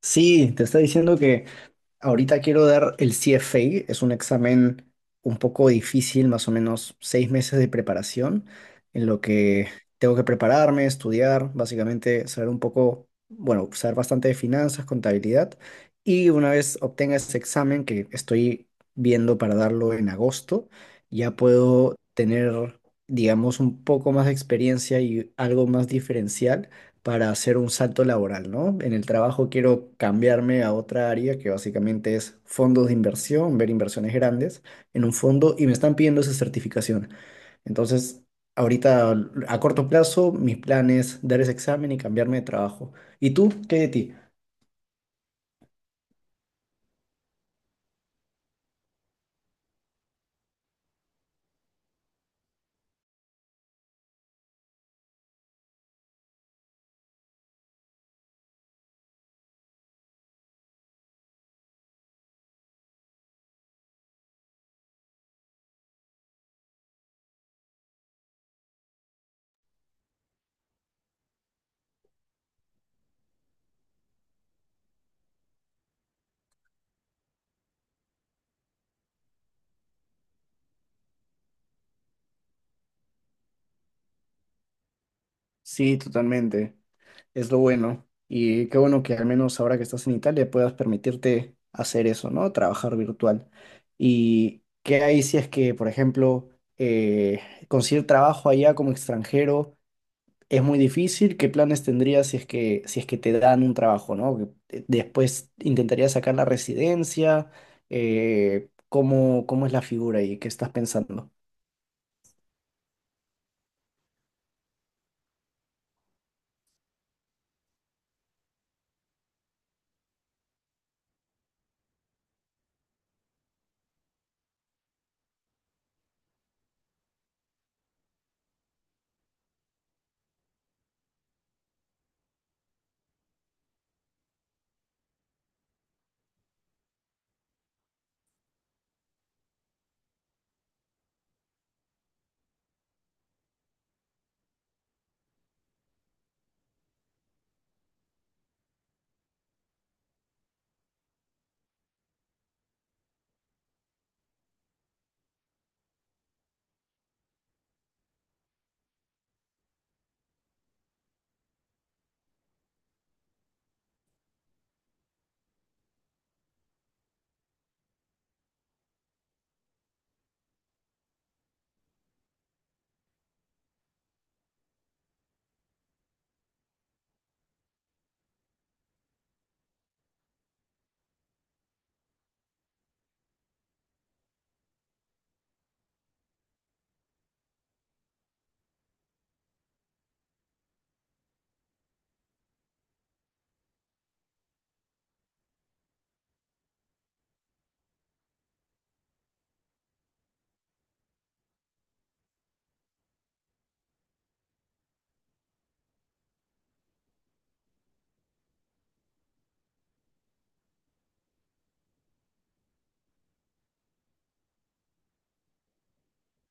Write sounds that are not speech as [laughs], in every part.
Sí, te está diciendo que ahorita quiero dar el CFA, es un examen un poco difícil, más o menos 6 meses de preparación, en lo que tengo que prepararme, estudiar, básicamente saber un poco, bueno, saber bastante de finanzas, contabilidad, y una vez obtenga ese examen que estoy viendo para darlo en agosto, ya puedo tener, digamos, un poco más de experiencia y algo más diferencial para hacer un salto laboral, ¿no? En el trabajo quiero cambiarme a otra área que básicamente es fondos de inversión, ver inversiones grandes en un fondo y me están pidiendo esa certificación. Entonces, ahorita a corto plazo, mis planes dar ese examen y cambiarme de trabajo. ¿Y tú? ¿Qué hay de ti? Sí, totalmente. Es lo bueno. Y qué bueno que al menos ahora que estás en Italia puedas permitirte hacer eso, ¿no? Trabajar virtual. ¿Y qué hay si es que, por ejemplo, eh, conseguir trabajo allá como extranjero es muy difícil? ¿Qué planes tendrías si es que te dan un trabajo, ¿no? Después intentarías sacar la residencia. ¿Cómo es la figura y qué estás pensando?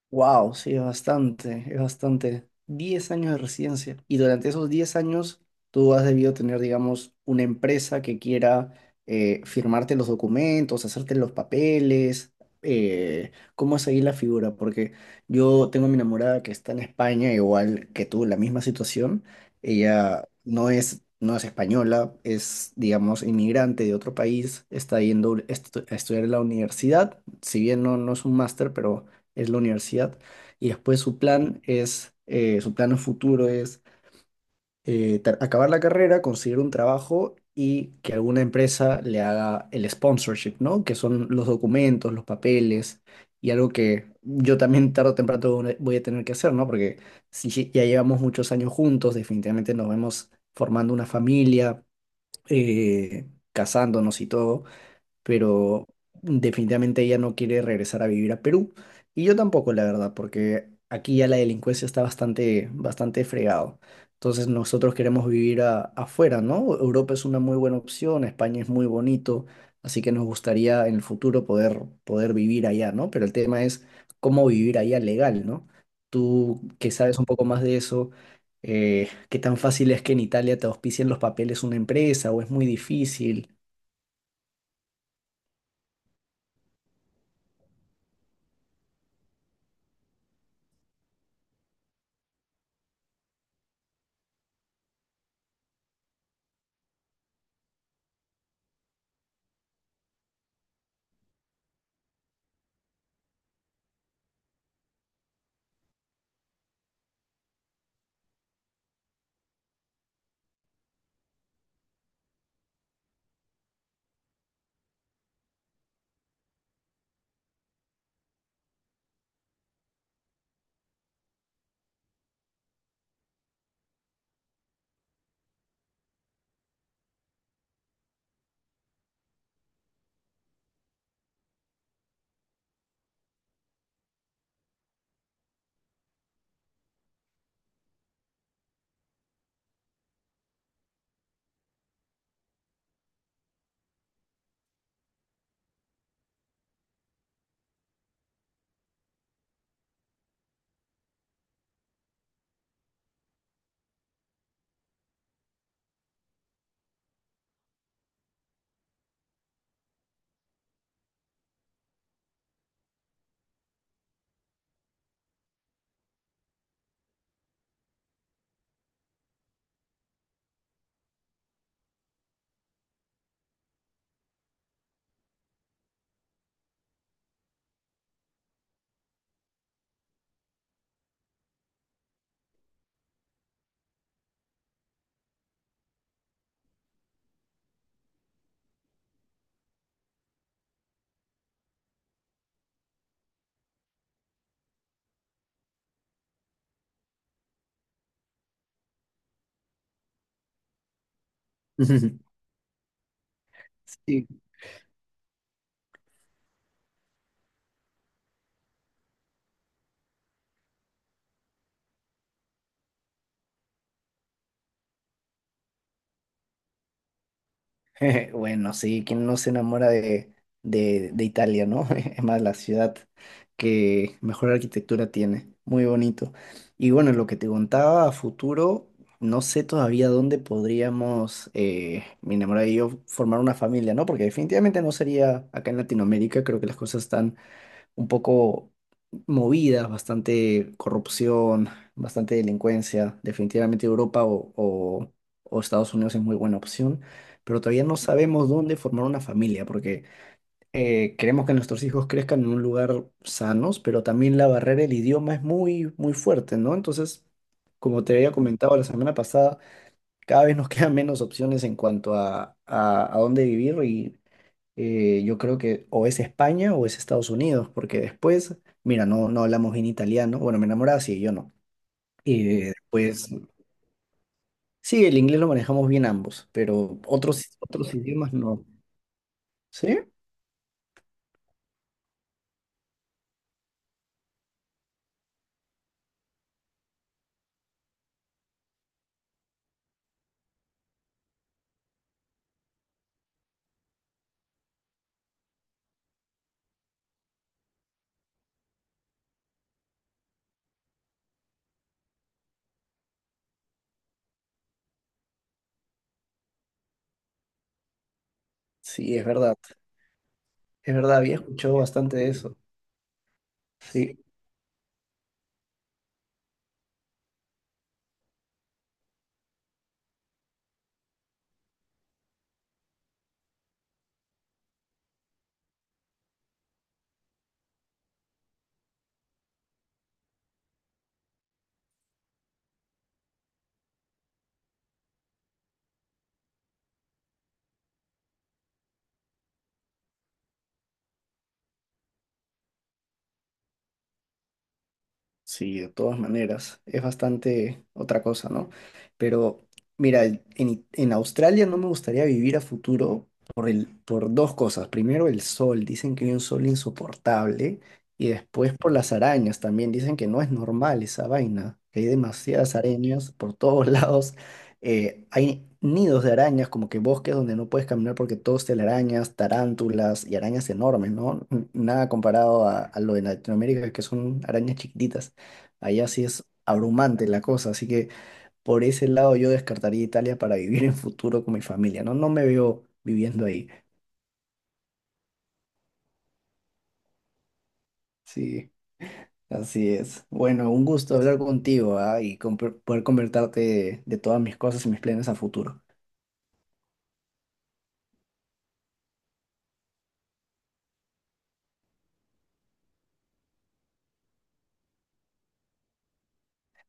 Wow, sí, es bastante, es bastante. 10 años de residencia. Y durante esos 10 años, tú has debido tener, digamos, una empresa que quiera firmarte los documentos, hacerte los papeles. ¿Cómo es ahí la figura? Porque yo tengo a mi enamorada que está en España, igual que tú, la misma situación. Ella no es española, es, digamos, inmigrante de otro país, está yendo a estudiar en la universidad. Si bien no es un máster, pero es la universidad, y después su plan es, su plan a futuro es ter- acabar la carrera, conseguir un trabajo y que alguna empresa le haga el sponsorship, ¿no? Que son los documentos, los papeles y algo que yo también tarde o temprano voy a tener que hacer, ¿no? Porque si ya llevamos muchos años juntos, definitivamente nos vemos formando una familia, eh, casándonos y todo, pero definitivamente ella no quiere regresar a vivir a Perú. Y yo tampoco, la verdad, porque aquí ya la delincuencia está bastante, bastante fregado. Entonces nosotros queremos vivir afuera, ¿no? Europa es una muy buena opción, España es muy bonito, así que nos gustaría en el futuro poder, poder vivir allá, ¿no? Pero el tema es cómo vivir allá legal, ¿no? Tú que sabes un poco más de eso, ¿qué tan fácil es que en Italia te auspicien los papeles una empresa o es muy difícil? [laughs] Sí. [laughs] Bueno, sí, ¿quién no se enamora de Italia, ¿no? [laughs] Es más, la ciudad que mejor arquitectura tiene, muy bonito. Y bueno, lo que te contaba a futuro, no sé todavía dónde podríamos, mi enamorada y yo, formar una familia, ¿no? Porque definitivamente no sería acá en Latinoamérica, creo que las cosas están un poco movidas, bastante corrupción, bastante delincuencia. Definitivamente Europa o Estados Unidos es muy buena opción, pero todavía no sabemos dónde formar una familia, porque queremos que nuestros hijos crezcan en un lugar sanos, pero también la barrera del idioma es muy, muy fuerte, ¿no? Entonces, como te había comentado la semana pasada, cada vez nos [laughs] quedan menos opciones en cuanto a dónde vivir. Yo creo que o es España o es Estados Unidos, porque después, mira, no hablamos bien italiano, bueno, mi enamorada sí, yo no. Y después, sí, el inglés lo manejamos bien ambos, pero otros idiomas no. ¿Sí? Sí, es verdad, había escuchado bastante de eso. Sí. Sí, de todas maneras, es bastante otra cosa, ¿no? Pero mira, en Australia no me gustaría vivir a futuro por 2 cosas. Primero, el sol, dicen que hay un sol insoportable, y después por las arañas también, dicen que no es normal esa vaina, que hay demasiadas arañas por todos [laughs] lados. Hay nidos de arañas, como que bosques donde no puedes caminar porque todos te arañas, tarántulas y arañas enormes, ¿no? Nada comparado a lo de Latinoamérica, que son arañas chiquititas. Allá sí es abrumante la cosa, así que por ese lado yo descartaría Italia para vivir en futuro con mi familia, ¿no? No me veo viviendo ahí. Sí, así es. Bueno, un gusto hablar contigo, ¿ah? Y poder convertarte de todas mis cosas y mis planes a futuro.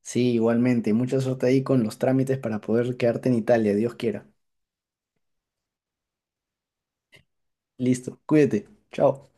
Sí, igualmente. Mucha suerte ahí con los trámites para poder quedarte en Italia, Dios quiera. Listo, cuídate. Chao.